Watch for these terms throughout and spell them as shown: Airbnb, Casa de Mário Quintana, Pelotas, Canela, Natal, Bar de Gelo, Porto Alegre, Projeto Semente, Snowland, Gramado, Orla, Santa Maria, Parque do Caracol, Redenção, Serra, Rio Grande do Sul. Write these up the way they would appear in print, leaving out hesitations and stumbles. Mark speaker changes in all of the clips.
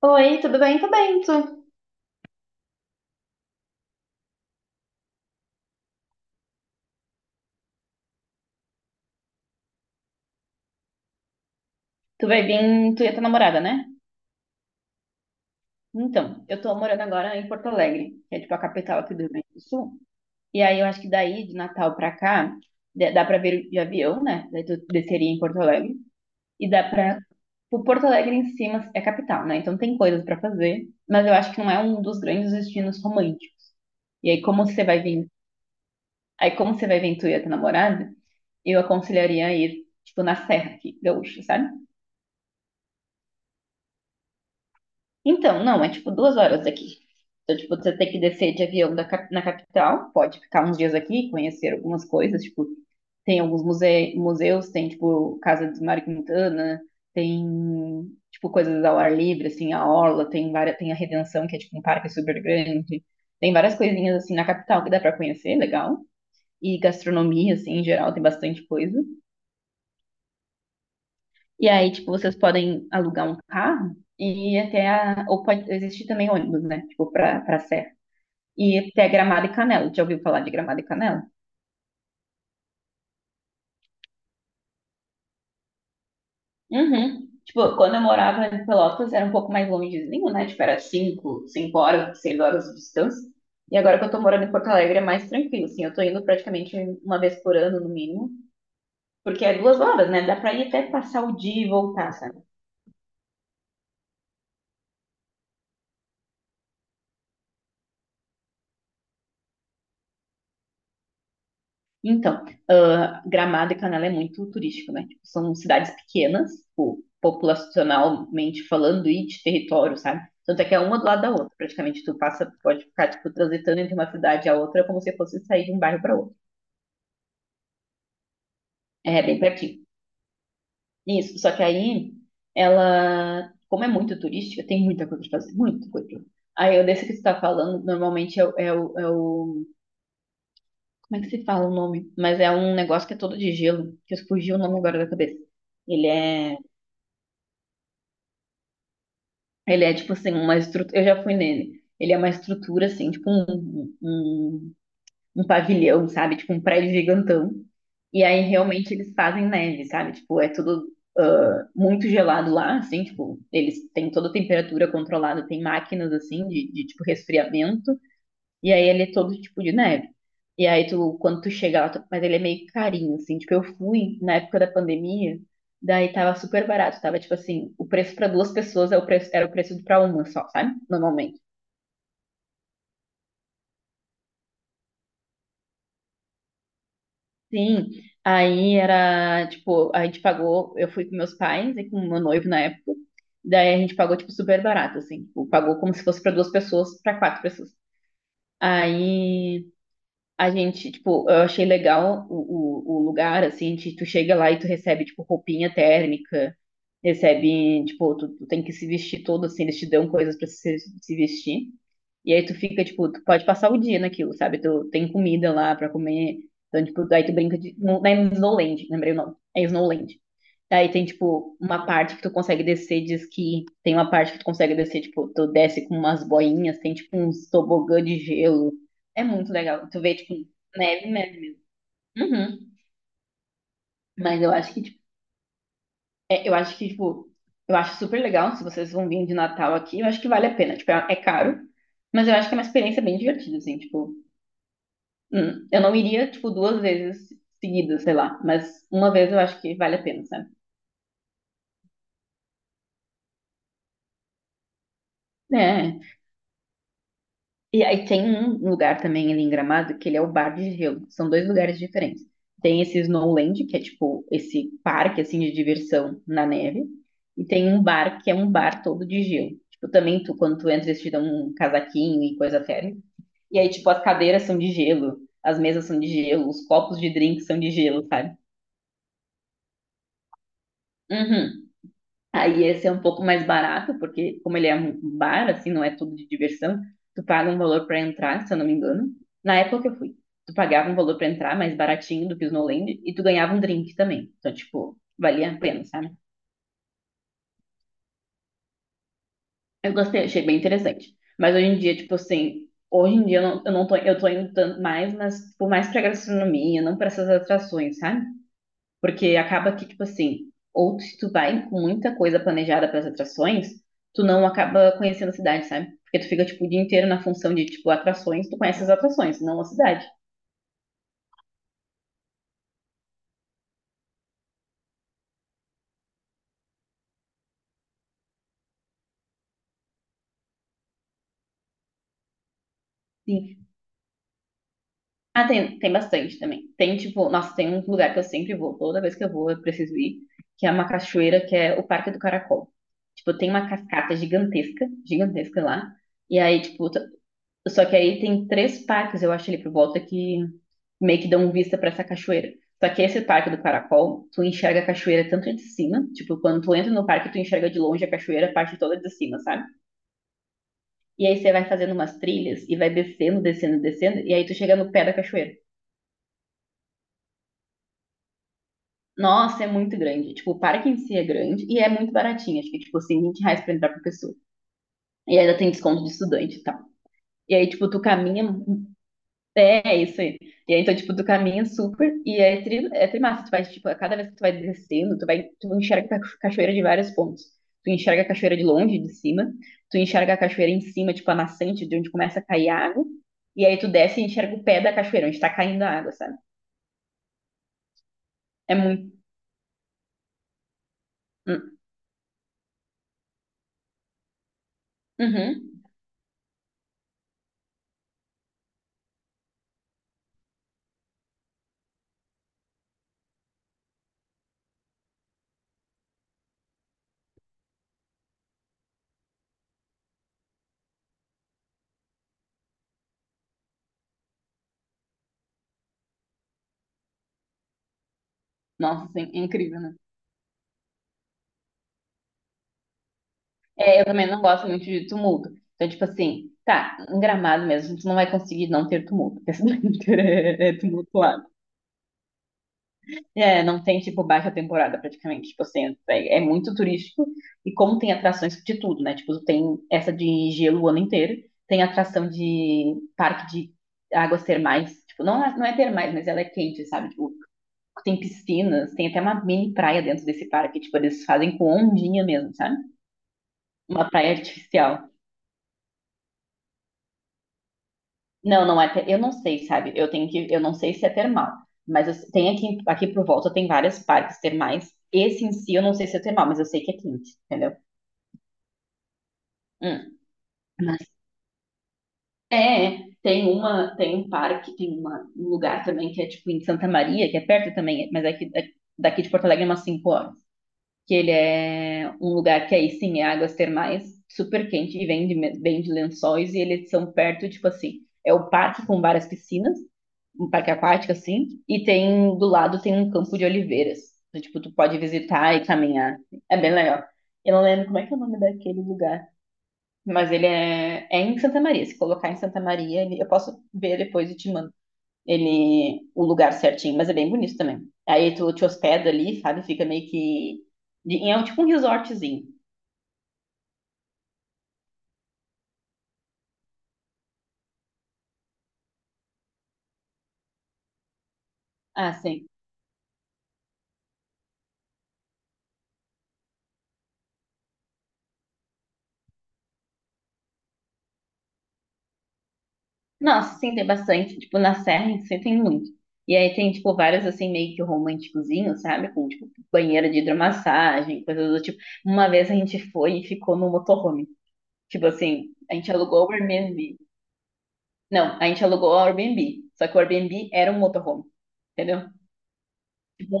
Speaker 1: Oi, tudo bem? Tudo bem, tu? Tu vai vir, tu e a tua namorada, né? Então, eu tô morando agora em Porto Alegre, que é tipo a capital aqui do Rio Grande do Sul. E aí eu acho que daí, de Natal pra cá, dá pra vir de avião, né? Daí tu desceria em Porto Alegre. E dá pra... O Porto Alegre em cima é capital, né? Então tem coisas pra fazer, mas eu acho que não é um dos grandes destinos românticos. E aí como você vai vir... Aí como você vai vir tu e a tua namorada, eu aconselharia a ir, tipo, na Serra aqui, gaúcha, sabe? Então, não, é tipo duas horas daqui. Então, tipo, você tem que descer de avião da na capital, pode ficar uns dias aqui, conhecer algumas coisas, tipo, tem alguns museus, tem, tipo, Casa de Mário Quintana, tem, tipo, coisas ao ar livre, assim, a Orla, tem várias, tem a Redenção, que é, tipo, um parque super grande. Tem várias coisinhas, assim, na capital que dá pra conhecer, legal. E gastronomia, assim, em geral, tem bastante coisa. E aí, tipo, vocês podem alugar um carro e ir até a. Ou pode existir também ônibus, né? Tipo, pra Serra. E ir até Gramado e Canela. Já ouviu falar de Gramado e Canela? Uhum. Tipo, quando eu morava em Pelotas, era um pouco mais longezinho, né? Tipo, era 5 5 horas, 6 horas de distância. E agora que eu tô morando em Porto Alegre, é mais tranquilo, assim. Eu tô indo praticamente uma vez por ano, no mínimo. Porque é duas horas, né? Dá pra ir até passar o dia e voltar, sabe? Então, ah, Gramado e Canela é muito turístico, né? Tipo, são cidades pequenas, tipo, populacionalmente falando, e de território, sabe? Tanto é que é uma do lado da outra, praticamente. Tu passa, pode ficar, tipo, transitando entre uma cidade e a outra, como se fosse sair de um bairro para outro. É, bem pertinho. Isso, só que aí, ela, como é muito turística, tem muita coisa pra fazer, muita coisa. Aí, eu desse que você tá falando, normalmente é o... Como é que se fala o nome? Mas é um negócio que é todo de gelo, que fugiu o nome agora da cabeça. Ele é... Ele é tipo assim, uma estrutura. Eu já fui nele. Ele é uma estrutura, assim, tipo um pavilhão, sabe? Tipo um prédio gigantão. E aí realmente eles fazem neve, sabe? Tipo, é tudo muito gelado lá, assim, tipo, eles têm toda a temperatura controlada, tem máquinas assim de tipo resfriamento. E aí ele é todo tipo de neve. E aí tu, quando tu chega lá, mas ele é meio carinho, assim. Tipo, eu fui na época da pandemia, daí tava super barato. Tava tipo assim, o preço pra duas pessoas é o preço, era o preço pra uma só, sabe? Normalmente. Sim. Aí era, tipo, a gente pagou, eu fui com meus pais e com meu noivo na época. Daí a gente pagou, tipo, super barato, assim. Tipo, pagou como se fosse pra duas pessoas, pra quatro pessoas. Aí. A gente, tipo, eu achei legal o lugar, assim, de tu chega lá e tu recebe, tipo, roupinha térmica, recebe, tipo, tu tem que se vestir todo, assim, eles te dão coisas pra se vestir. E aí tu fica, tipo, tu pode passar o dia naquilo, sabe? Tu tem comida lá pra comer. Então, tipo, aí tu brinca de. Não, não é Snowland, lembrei o nome. É Snowland. Aí tem, tipo, uma parte que tu consegue descer diz que tem uma parte que tu consegue descer, tipo, tu desce com umas boinhas. Tem, tipo, uns tobogã de gelo. É muito legal. Tu vê, tipo, neve mesmo. Uhum. Mas eu acho que, tipo, eu acho que, tipo, eu acho super legal. Se vocês vão vir de Natal aqui, eu acho que vale a pena. Tipo, é caro, mas eu acho que é uma experiência bem divertida, assim, tipo. Eu não iria, tipo, duas vezes seguidas, sei lá. Mas uma vez eu acho que vale a pena, sabe? É. E aí tem um lugar também ali em Gramado, que ele é o Bar de Gelo. São dois lugares diferentes. Tem esse Snowland, que é tipo esse parque assim de diversão na neve, e tem um bar que é um bar todo de gelo. Tipo, também tu, quando tu entra, eles te dão um casaquinho e coisa térmica. E aí, tipo, as cadeiras são de gelo, as mesas são de gelo, os copos de drink são de gelo, sabe? Uhum. Aí esse é um pouco mais barato, porque como ele é um bar, assim, não é tudo de diversão, tu paga um valor para entrar, se eu não me engano. Na época que eu fui, tu pagava um valor para entrar, mais baratinho do que o Snowland, e tu ganhava um drink também. Então, tipo, valia a pena, sabe? Eu gostei, achei bem interessante. Mas hoje em dia, tipo assim, hoje em dia eu não tô, eu tô indo tanto mais, mas, tipo, mais pra gastronomia, não para essas atrações, sabe? Porque acaba que, tipo assim, ou se tu vai com muita coisa planejada para as atrações, tu não acaba conhecendo a cidade, sabe? Porque tu fica, tipo, o dia inteiro na função de, tipo, atrações, tu conhece as atrações, não a cidade. Sim. Ah, tem, tem bastante também. Tem, tipo, nossa, tem um lugar que eu sempre vou, toda vez que eu vou, eu preciso ir, que é uma cachoeira, que é o Parque do Caracol. Tipo, tem uma cascata gigantesca, gigantesca lá. E aí, tipo, só que aí tem três parques, eu acho, ali por volta que meio que dão vista pra essa cachoeira. Só que esse parque do Caracol, tu enxerga a cachoeira tanto de cima, tipo, quando tu entra no parque, tu enxerga de longe a cachoeira, a parte toda de cima, sabe? E aí você vai fazendo umas trilhas e vai descendo, descendo, descendo, e aí tu chega no pé da cachoeira. Nossa, é muito grande. Tipo, o parque em si é grande e é muito baratinho. Acho que, tipo, assim, R$ 20 pra entrar por pessoa. E ainda tem desconto de estudante e tal. E aí, tipo, tu caminha. É, isso aí. E aí, então, tipo, tu caminha super e é, tri, é trimassa. Tu vai, tipo, a cada vez que tu vai descendo, tu vai, tu enxerga a cachoeira de vários pontos. Tu enxerga a cachoeira de longe, de cima. Tu enxerga a cachoeira em cima, tipo, a nascente, de onde começa a cair água. E aí tu desce e enxerga o pé da cachoeira, onde tá caindo a água, sabe? É muito... Hum. Uhum. Nossa, assim, é incrível, né? É, eu também não gosto muito de tumulto. Então, tipo assim, tá, em Gramado mesmo, tu não vai conseguir não ter tumulto. Porque a cidade inteira é tumultuada. É, não tem, tipo, baixa temporada praticamente. Tipo assim, é muito turístico. E como tem atrações de tudo, né? Tipo, tem essa de gelo o ano inteiro. Tem atração de parque de águas termais. Tipo, não, não é termais, mas ela é quente, sabe? Tipo, tem piscinas, tem até uma mini praia dentro desse parque. Tipo, eles fazem com ondinha mesmo, sabe? Uma praia artificial. Não, não é. Eu não sei, sabe? Eu tenho que. Eu não sei se é termal. Tem aqui, aqui por volta tem vários parques termais. Esse em si eu não sei se é termal, mas eu sei que é quente, entendeu? Hum. Mas Tem uma, tem um parque, um lugar também que é tipo em Santa Maria, que é perto também, mas é que é daqui de Porto Alegre é umas 5 horas. Que ele é um lugar que aí sim é águas termais, super quente e vem de lençóis e eles são perto, tipo assim, é o parque com várias piscinas. Um parque aquático, assim, e tem do lado tem um campo de oliveiras. Então, tipo, tu pode visitar e caminhar. É bem legal. Eu não lembro como é que é o nome daquele lugar, mas ele é em Santa Maria. Se colocar em Santa Maria, eu posso ver depois e te mando ele, o lugar certinho, mas é bem bonito também. Aí tu te hospeda ali, sabe? Fica meio que. É um, tipo um resortzinho. Ah, sim. Nossa, sim, tem bastante. Tipo, na Serra em si tem muito. E aí tem, tipo, vários, assim, meio que românticozinhos, sabe? Com, tipo, banheiro de hidromassagem, coisas do tipo. Uma vez a gente foi e ficou no motorhome. Tipo assim, a gente alugou o Airbnb. Não, a gente alugou o Airbnb. Só que o Airbnb era um motorhome, entendeu? Tipo,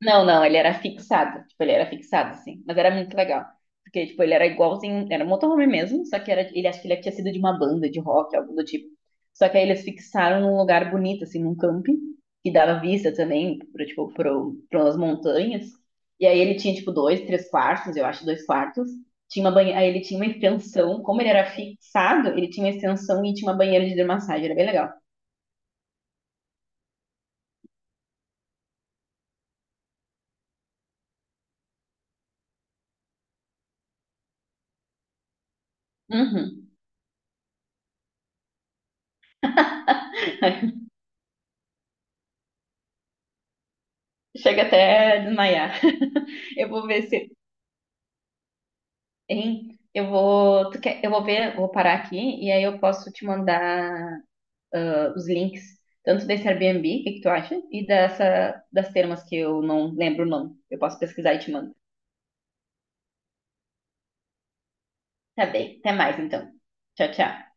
Speaker 1: não, não, ele era fixado. Tipo, ele era fixado, assim. Mas era muito legal. Porque, tipo, ele era igualzinho. Era um motorhome mesmo, só que era, ele acho que ele tinha sido de uma banda de rock, algo do tipo. Só que aí eles fixaram num lugar bonito, assim, num camping, que dava vista também, pras montanhas. E aí ele tinha, tipo, dois, três quartos, eu acho, dois quartos. Tinha uma banheira. Aí ele tinha uma extensão. Como ele era fixado, ele tinha uma extensão e tinha uma banheira de hidromassagem. Era bem legal. Uhum. Chega até a desmaiar. Eu vou ver se Hein? Tu quer, eu vou ver, vou parar aqui e aí eu posso te mandar os links, tanto desse Airbnb, o que que tu acha, e dessa, das termas que eu não lembro o nome. Eu posso pesquisar e te mando. Tá bem, até mais então. Tchau, tchau.